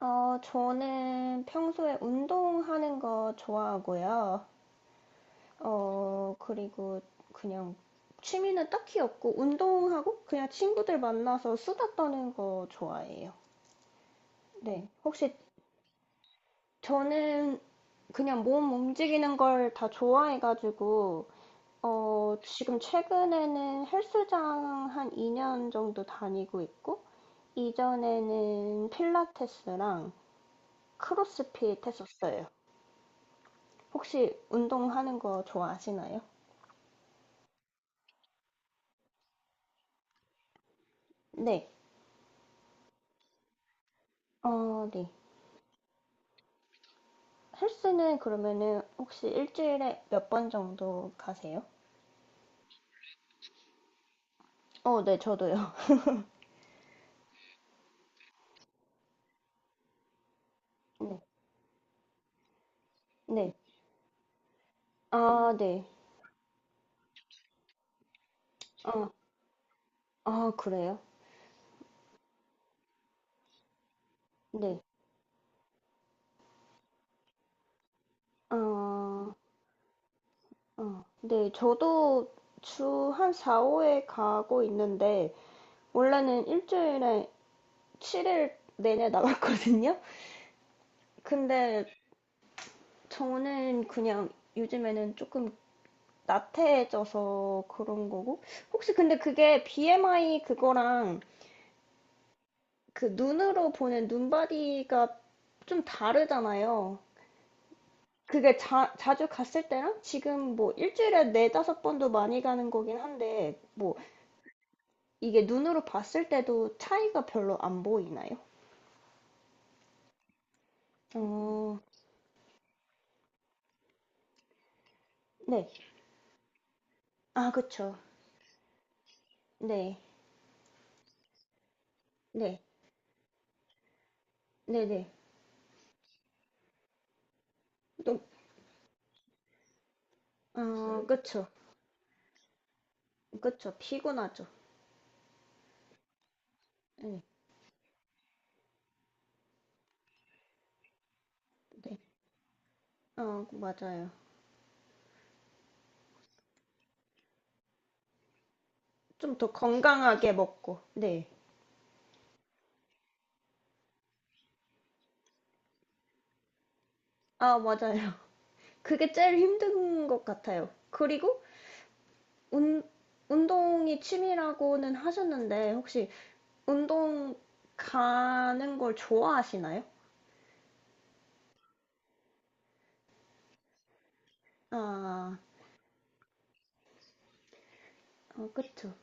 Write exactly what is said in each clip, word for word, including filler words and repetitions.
어, 저는 평소에 운동하는 거 좋아하고요. 어, 그리고 그냥 취미는 딱히 없고, 운동하고 그냥 친구들 만나서 수다 떠는 거 좋아해요. 네. 혹시 저는 그냥 몸 움직이는 걸 다 좋아해가지고, 어, 지금 최근에는 헬스장 한 이 년 정도 다니고 있고, 이전에는 필라테스랑 크로스핏 했었어요. 혹시 운동하는 거 좋아하시나요? 네. 어, 네. 헬스는 그러면은 혹시 일주일에 몇 번 정도 가세요? 어, 네, 저도요. 네. 네. 아, 네. 아, 아, 그래요? 네. 아, 아, 네. 저도 주 한 사, 오 회 가고 있는데, 원래는 일주일에 칠 일 내내 나갔거든요? 근데 저는 그냥 요즘에는 조금 나태해져서 그런 거고. 혹시 근데 그게 비 엠 아이 그거랑 그 눈으로 보는 눈바디가 좀 다르잖아요. 그게 자, 자주 갔을 때랑 지금 뭐 일주일에 네다섯 번도 많이 가는 거긴 한데, 뭐 이게 눈으로 봤을 때도 차이가 별로 안 보이나요? 어, 네. 아, 그쵸. 네. 네. 네네. 또, 어, 그쵸. 그쵸. 피곤하죠. 네. 네. 어, 맞아요. 좀 더 건강하게 먹고. 네. 아, 맞아요. 그게 제일 힘든 것 같아요. 그리고 운, 운동이 취미라고는 하셨는데, 혹시 운동 가는 걸 좋아하시나요? 아, 어, 그쵸.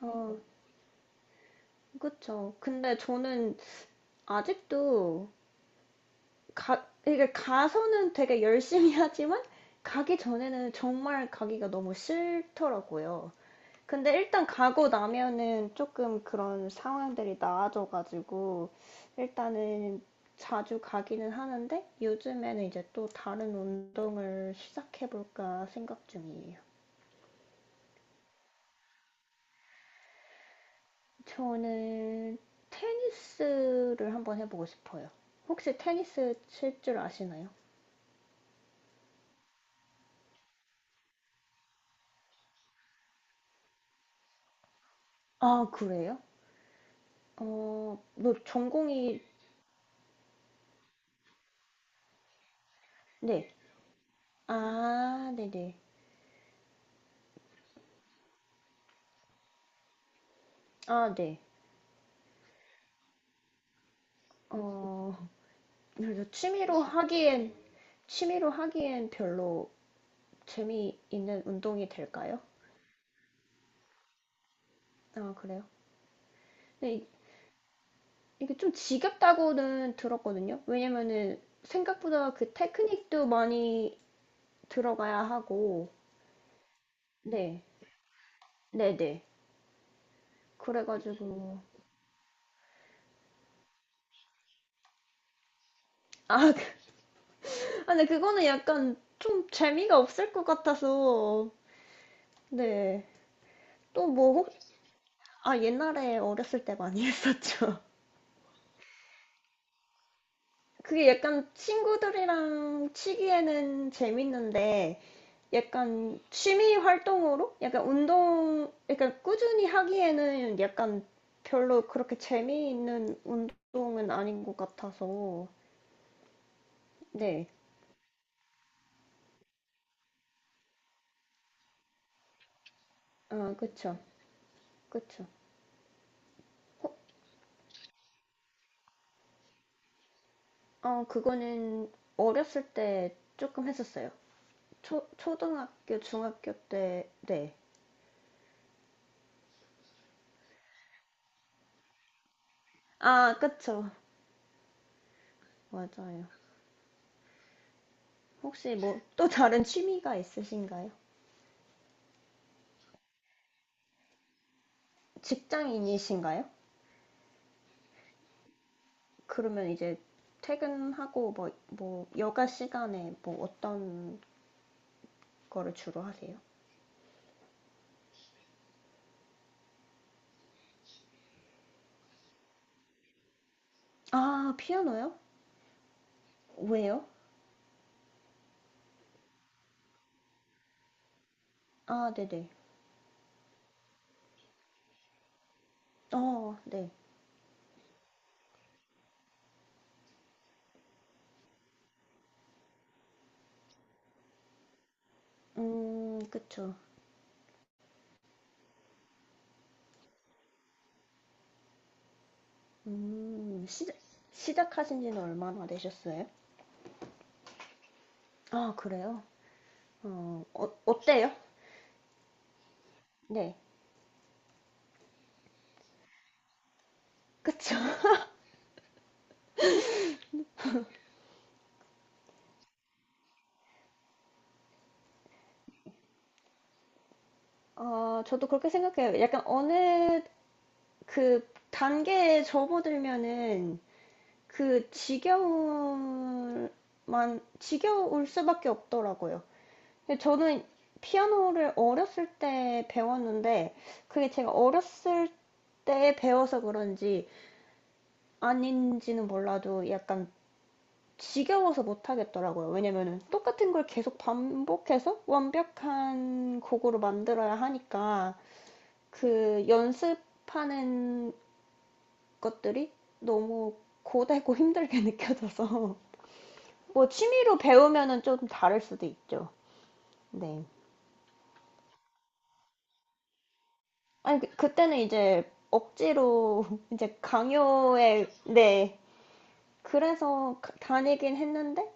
어, 그쵸. 근데 저는 아직도 가, 이게 가서는 되게 열심히 하지만, 가기 전에는 정말 가기가 너무 싫더라고요. 근데 일단 가고 나면은 조금 그런 상황들이 나아져가지고 일단은 자주 가기는 하는데 요즘에는 이제 또 다른 운동을 시작해볼까 생각 중이에요. 저는 테니스를 한번 해보고 싶어요. 혹시 테니스 칠 줄 아시나요? 아, 그래요? 어, 뭐 전공이 네. 아, 네네. 아, 네. 어, 그래서 취미로 하기엔, 취미로 하기엔 별로 재미있는 운동이 될까요? 아, 그래요? 근데 이- 게 좀 지겹다고는 들었거든요. 왜냐면은 생각보다 그 테크닉도 많이 들어가야 하고, 네, 네네. 그래가지고, 아, 아, 근데 그거는 약간 좀 재미가 없을 것 같아서, 네. 또 뭐, 혹, 아, 옛날에 어렸을 때 많이 했었죠. 그게 약간 친구들이랑 치기에는 재밌는데 약간 취미 활동으로 약간 운동 약간 꾸준히 하기에는 약간 별로 그렇게 재미있는 운동은 아닌 것 같아서 네. 아, 그쵸. 그쵸. 어, 그거는 어렸을 때 조금 했었어요. 초, 초등학교, 중학교 때, 네. 아, 그쵸. 맞아요. 혹시 뭐 또 다른 취미가 있으신가요? 직장인이신가요? 그러면 이제 퇴근하고 뭐, 뭐, 여가 시간에 뭐 어떤 거를 주로 하세요? 아, 피아노요? 왜요? 아, 네네. 어, 네. 음, 그쵸. 음, 시작, 시작하신 지는 얼마나 되셨어요? 아, 그래요? 어, 어, 어때요? 네. 그쵸. 어, 저도 그렇게 생각해요. 약간 어느 그 단계에 접어들면은 그 지겨울만 지겨울 수밖에 없더라고요. 근데 저는 피아노를 어렸을 때 배웠는데 그게 제가 어렸을 때 배워서 그런지 아닌지는 몰라도 약간 지겨워서 못 하겠더라고요. 왜냐면은 똑같은 걸 계속 반복해서 완벽한 곡으로 만들어야 하니까 그 연습하는 것들이 너무 고되고 힘들게 느껴져서 뭐 취미로 배우면은 좀 다를 수도 있죠. 네. 아니, 그- 그때는 이제 억지로 이제 강요에, 네. 그래서 가- 다니긴 했는데,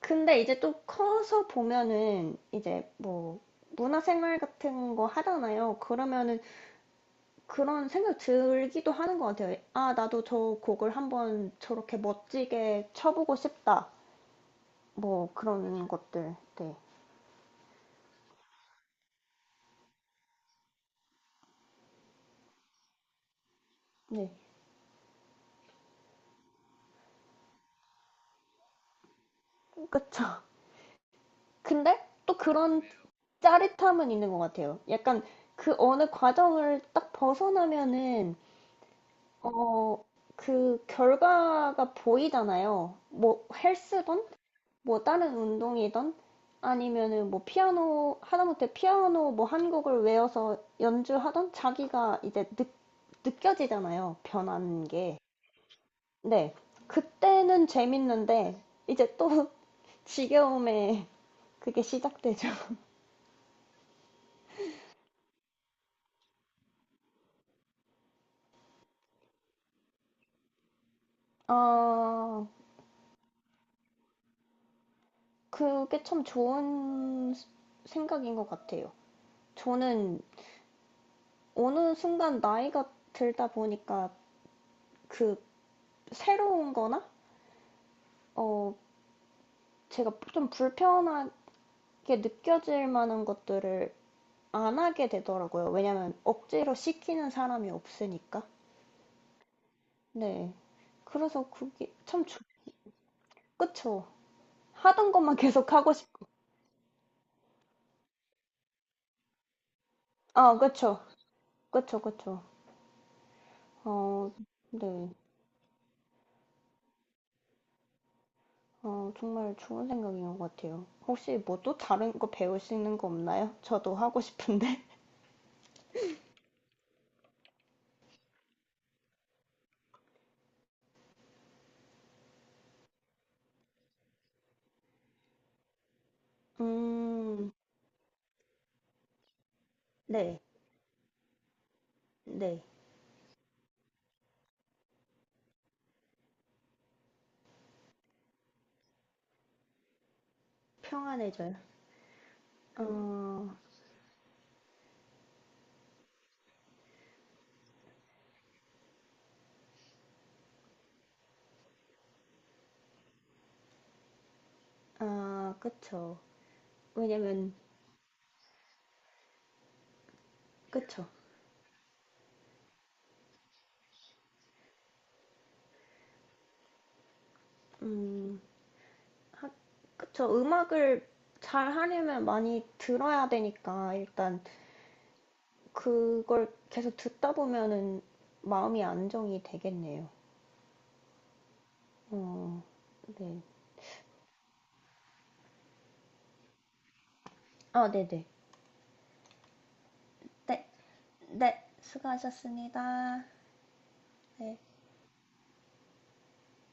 근데 이제 또 커서 보면은 이제 뭐 문화생활 같은 거 하잖아요. 그러면은 그런 생각 들기도 하는 것 같아요. 아, 나도 저 곡을 한번 저렇게 멋지게 쳐보고 싶다. 뭐 그런 것들. 네. 네. 그쵸. 근데 또 그런 짜릿함은 있는 것 같아요. 약간 그 어느 과정을 딱 벗어나면은, 어, 그 결과가 보이잖아요. 뭐 헬스든, 뭐 다른 운동이든, 아니면은 뭐 피아노, 하다못해 피아노 뭐 한 곡을 외워서 연주하던 자기가 이제 느, 느껴지잖아요. 변한 게. 네. 그때는 재밌는데, 이제 또 지겨움에 그게 시작되죠. 어, 그게 참 좋은 생각인 것 같아요. 저는 어느 순간 나이가 들다 보니까 그 새로운 거나, 어, 제가 좀 불편하게 느껴질 만한 것들을 안 하게 되더라고요. 왜냐면 억지로 시키는 사람이 없으니까. 네. 그래서 그게 참 좋, 그쵸. 하던 것만 계속 하고 싶, 아, 그쵸. 그쵸, 그쵸. 어, 네. 어, 정말 좋은 생각인 것 같아요. 혹시 뭐 또 다른 거 배울 수 있는 거 없나요? 저도 하고 싶은데. 음, 네, 네. 평안해져요. 어, 아, 그쵸. 왜냐면, 그쵸. 음, 하, 그쵸. 음악을 잘 하려면 많이 들어야 되니까, 일단, 그걸 계속 듣다 보면은 마음이 안정이 되겠네요. 어, 네. 아, 네네. 네, 네. 네. 수고하셨습니다. 네.